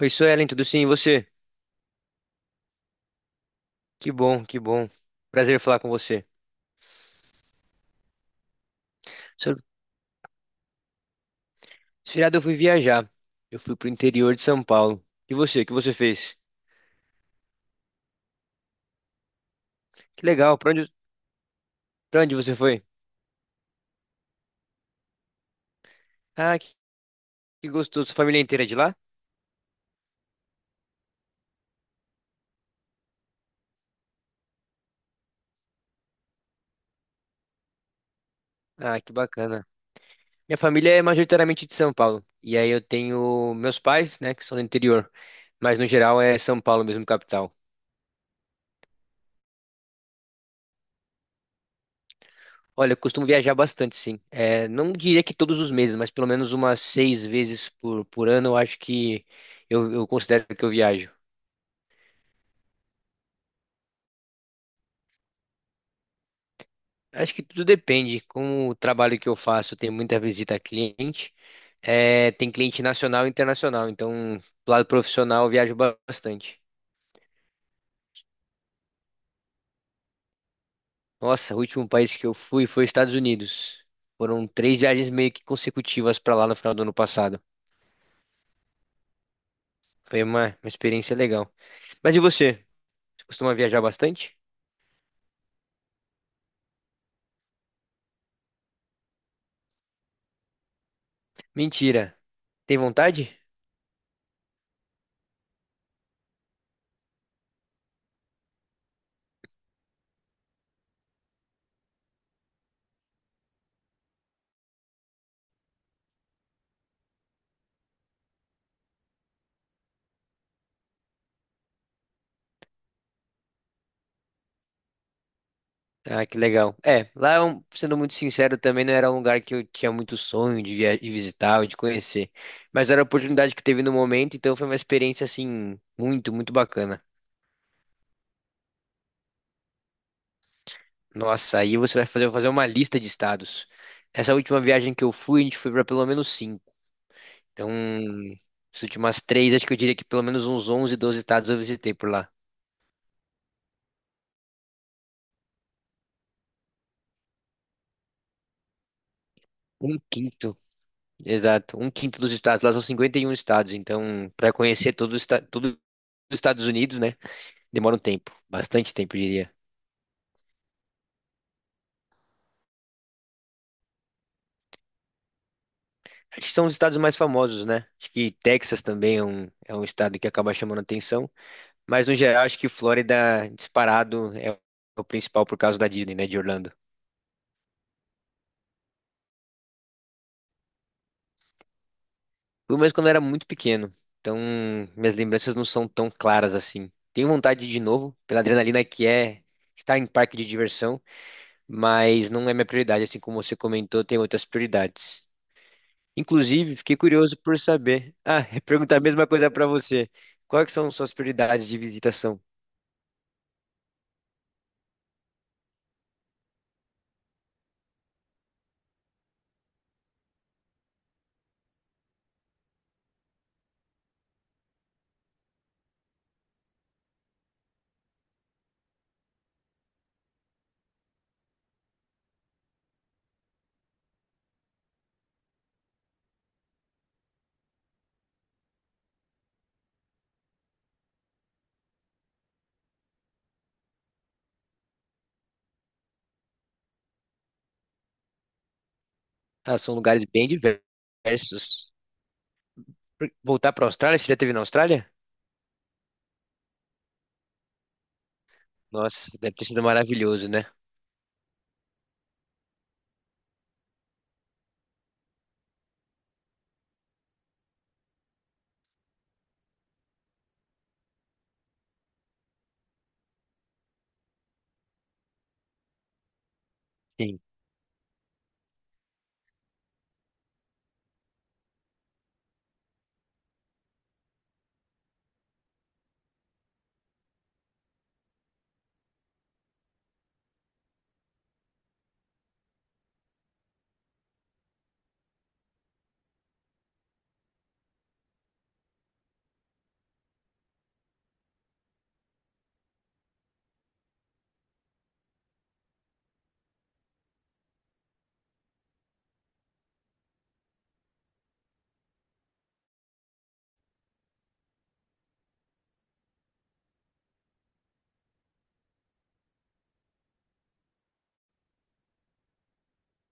Oi, Suelen, tudo sim? E você? Que bom, que bom. Prazer falar com você. Seu- Esse feriado eu fui viajar. Eu fui pro interior de São Paulo. E você? O que você fez? Que legal. Pra onde você foi? Ah, que gostoso. Sua família inteira é de lá? Ah, que bacana. Minha família é majoritariamente de São Paulo. E aí eu tenho meus pais, né, que são do interior. Mas no geral é São Paulo mesmo, capital. Olha, eu costumo viajar bastante, sim. É, não diria que todos os meses, mas pelo menos umas seis vezes por ano, eu acho que eu considero que eu viajo. Acho que tudo depende. Com o trabalho que eu faço, tem muita visita a cliente. É, tem cliente nacional e internacional. Então, do lado profissional, eu viajo bastante. Nossa, o último país que eu fui foi Estados Unidos. Foram três viagens meio que consecutivas para lá no final do ano passado. Foi uma experiência legal. Mas e você? Você costuma viajar bastante? Mentira. Tem vontade? Ah, que legal. É, lá, sendo muito sincero, também não era um lugar que eu tinha muito sonho de visitar ou de conhecer. Mas era a oportunidade que teve no momento, então foi uma experiência, assim, muito, muito bacana. Nossa, aí você vai fazer uma lista de estados. Essa última viagem que eu fui, a gente foi para pelo menos cinco. Então, as últimas três, acho que eu diria que pelo menos uns 11, 12 estados eu visitei por lá. Um quinto, exato, um quinto dos estados. Lá são 51 estados, então, para conhecer todo, todo os Estados Unidos, né? Demora um tempo, bastante tempo, eu diria. Acho que são os estados mais famosos, né? Acho que Texas também é um estado que acaba chamando atenção, mas no geral acho que Flórida, disparado, é o principal por causa da Disney, né, de Orlando. Fui mais quando eu era muito pequeno, então minhas lembranças não são tão claras assim. Tenho vontade de ir de novo, pela adrenalina que é estar em parque de diversão, mas não é minha prioridade, assim como você comentou, tem outras prioridades. Inclusive, fiquei curioso por saber. Ah, perguntar a mesma coisa para você. Quais que são suas prioridades de visitação? Ah, são lugares bem diversos. Por- Voltar para a Austrália? Você já esteve na Austrália? Nossa, deve ter sido maravilhoso, né? Sim.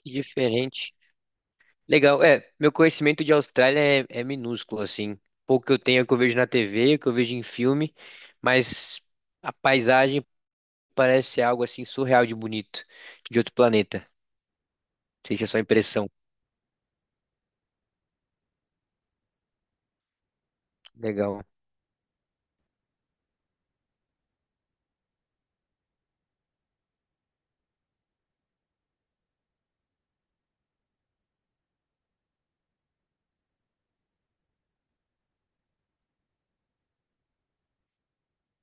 Que diferente. Legal. É, meu conhecimento de Austrália é minúsculo, assim. Pouco que eu tenho é o que eu vejo na TV, o que eu vejo em filme, mas a paisagem parece algo assim surreal de bonito, de outro planeta. Não sei se é só impressão. Legal.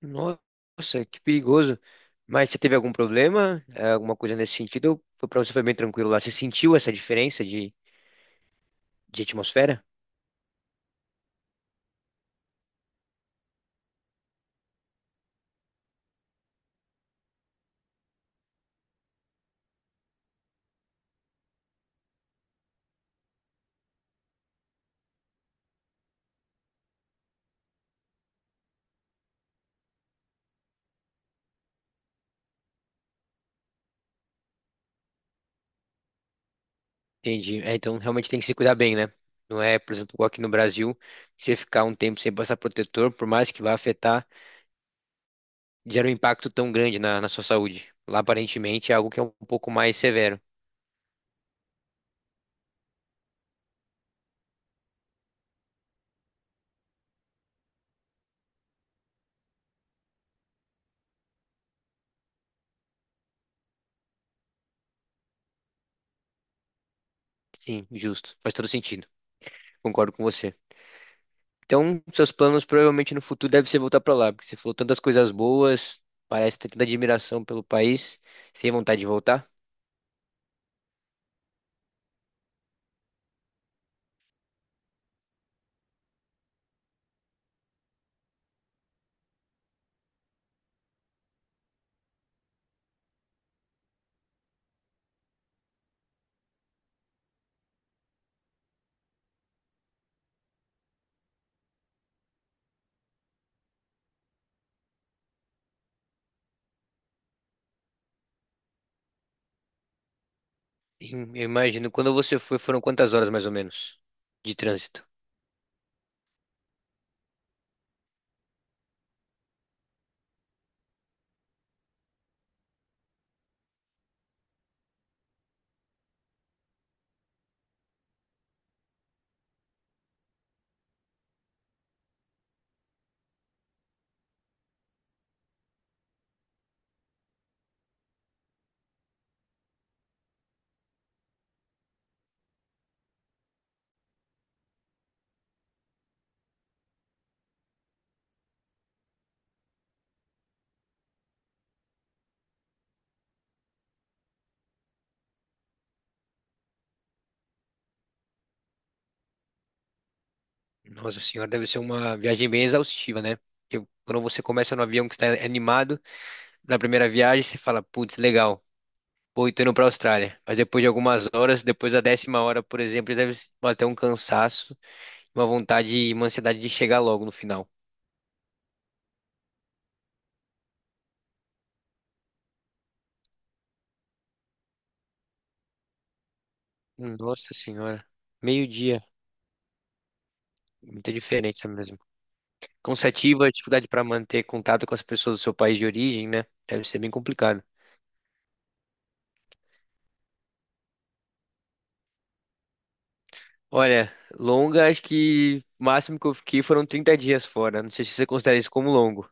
Nossa, que perigoso. Mas você teve algum problema? Alguma coisa nesse sentido? Ou foi, para você foi bem tranquilo lá. Você sentiu essa diferença de atmosfera? Entendi. É, então realmente tem que se cuidar bem, né? Não é, por exemplo, igual aqui no Brasil, você ficar um tempo sem passar protetor, por mais que vá afetar, gera um impacto tão grande na sua saúde. Lá aparentemente é algo que é um pouco mais severo. Sim, justo. Faz todo sentido. Concordo com você. Então, seus planos provavelmente no futuro devem ser voltar para lá, porque você falou tantas coisas boas, parece ter tanta admiração pelo país, sem vontade de voltar. E eu imagino, quando você foi, foram quantas horas mais ou menos de trânsito? Nossa senhora, deve ser uma viagem bem exaustiva, né? Porque quando você começa no avião que está animado, na primeira viagem você fala, putz, legal, vou tô indo para a Austrália. Mas depois de algumas horas, depois da 10ª hora, por exemplo, deve bater um cansaço, uma vontade e uma ansiedade de chegar logo no final. Nossa senhora. Meio-dia. Muita diferença mesmo. Cansativa, dificuldade para manter contato com as pessoas do seu país de origem, né? Deve ser bem complicado. Olha, longa, acho que o máximo que eu fiquei foram 30 dias fora. Não sei se você considera isso como longo.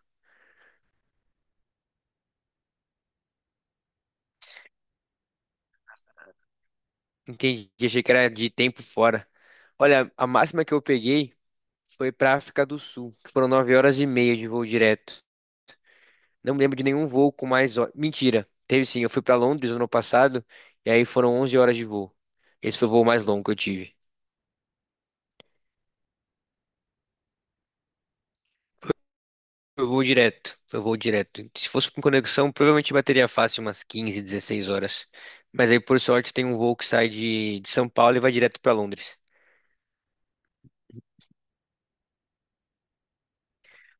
Entendi, achei que era de tempo fora. Olha, a máxima que eu peguei foi para África do Sul, que foram 9 horas e meia de voo direto. Não me lembro de nenhum voo com mais horas. Mentira. Teve sim, eu fui para Londres no ano passado e aí foram 11 horas de voo. Esse foi o voo mais longo que eu tive. Foi voo direto, foi voo direto. Se fosse com conexão, provavelmente bateria fácil umas 15, 16 horas. Mas aí, por sorte, tem um voo que sai de São Paulo e vai direto para Londres.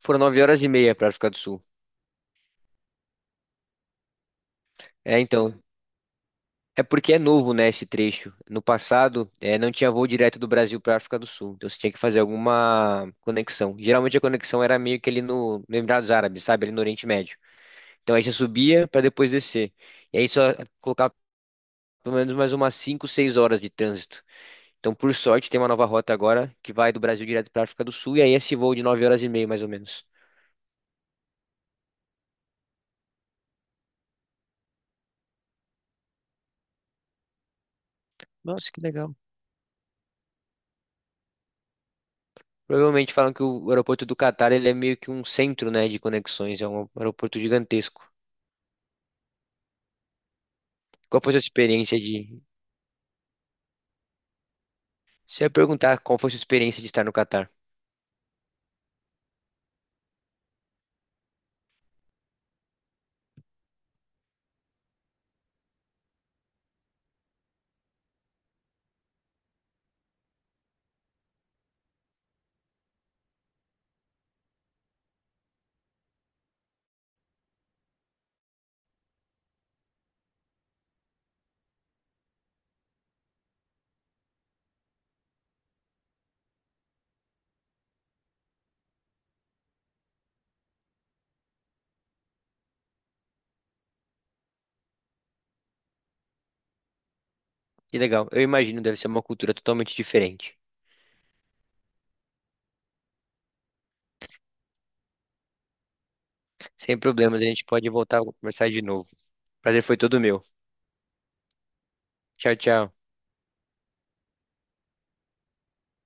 Foram 9 horas e meia para África do Sul. É, então, é porque é novo, né, esse trecho. No passado, não tinha voo direto do Brasil para a África do Sul. Então você tinha que fazer alguma conexão. Geralmente a conexão era meio que ali no Emirados Árabes, sabe? Ali no Oriente Médio. Então aí você subia para depois descer. E aí só colocava pelo menos mais umas 5, 6 horas de trânsito. Então, por sorte, tem uma nova rota agora que vai do Brasil direto para a África do Sul. E aí esse voo de 9 horas e meia, mais ou menos. Nossa, que legal. Provavelmente falam que o aeroporto do Catar ele é meio que um centro, né, de conexões. É um aeroporto gigantesco. Qual foi a sua experiência de. Se eu perguntar qual foi a sua experiência de estar no Catar. Que legal. Eu imagino, deve ser uma cultura totalmente diferente. Sem problemas, a gente pode voltar a conversar de novo. Prazer foi todo meu. Tchau, tchau.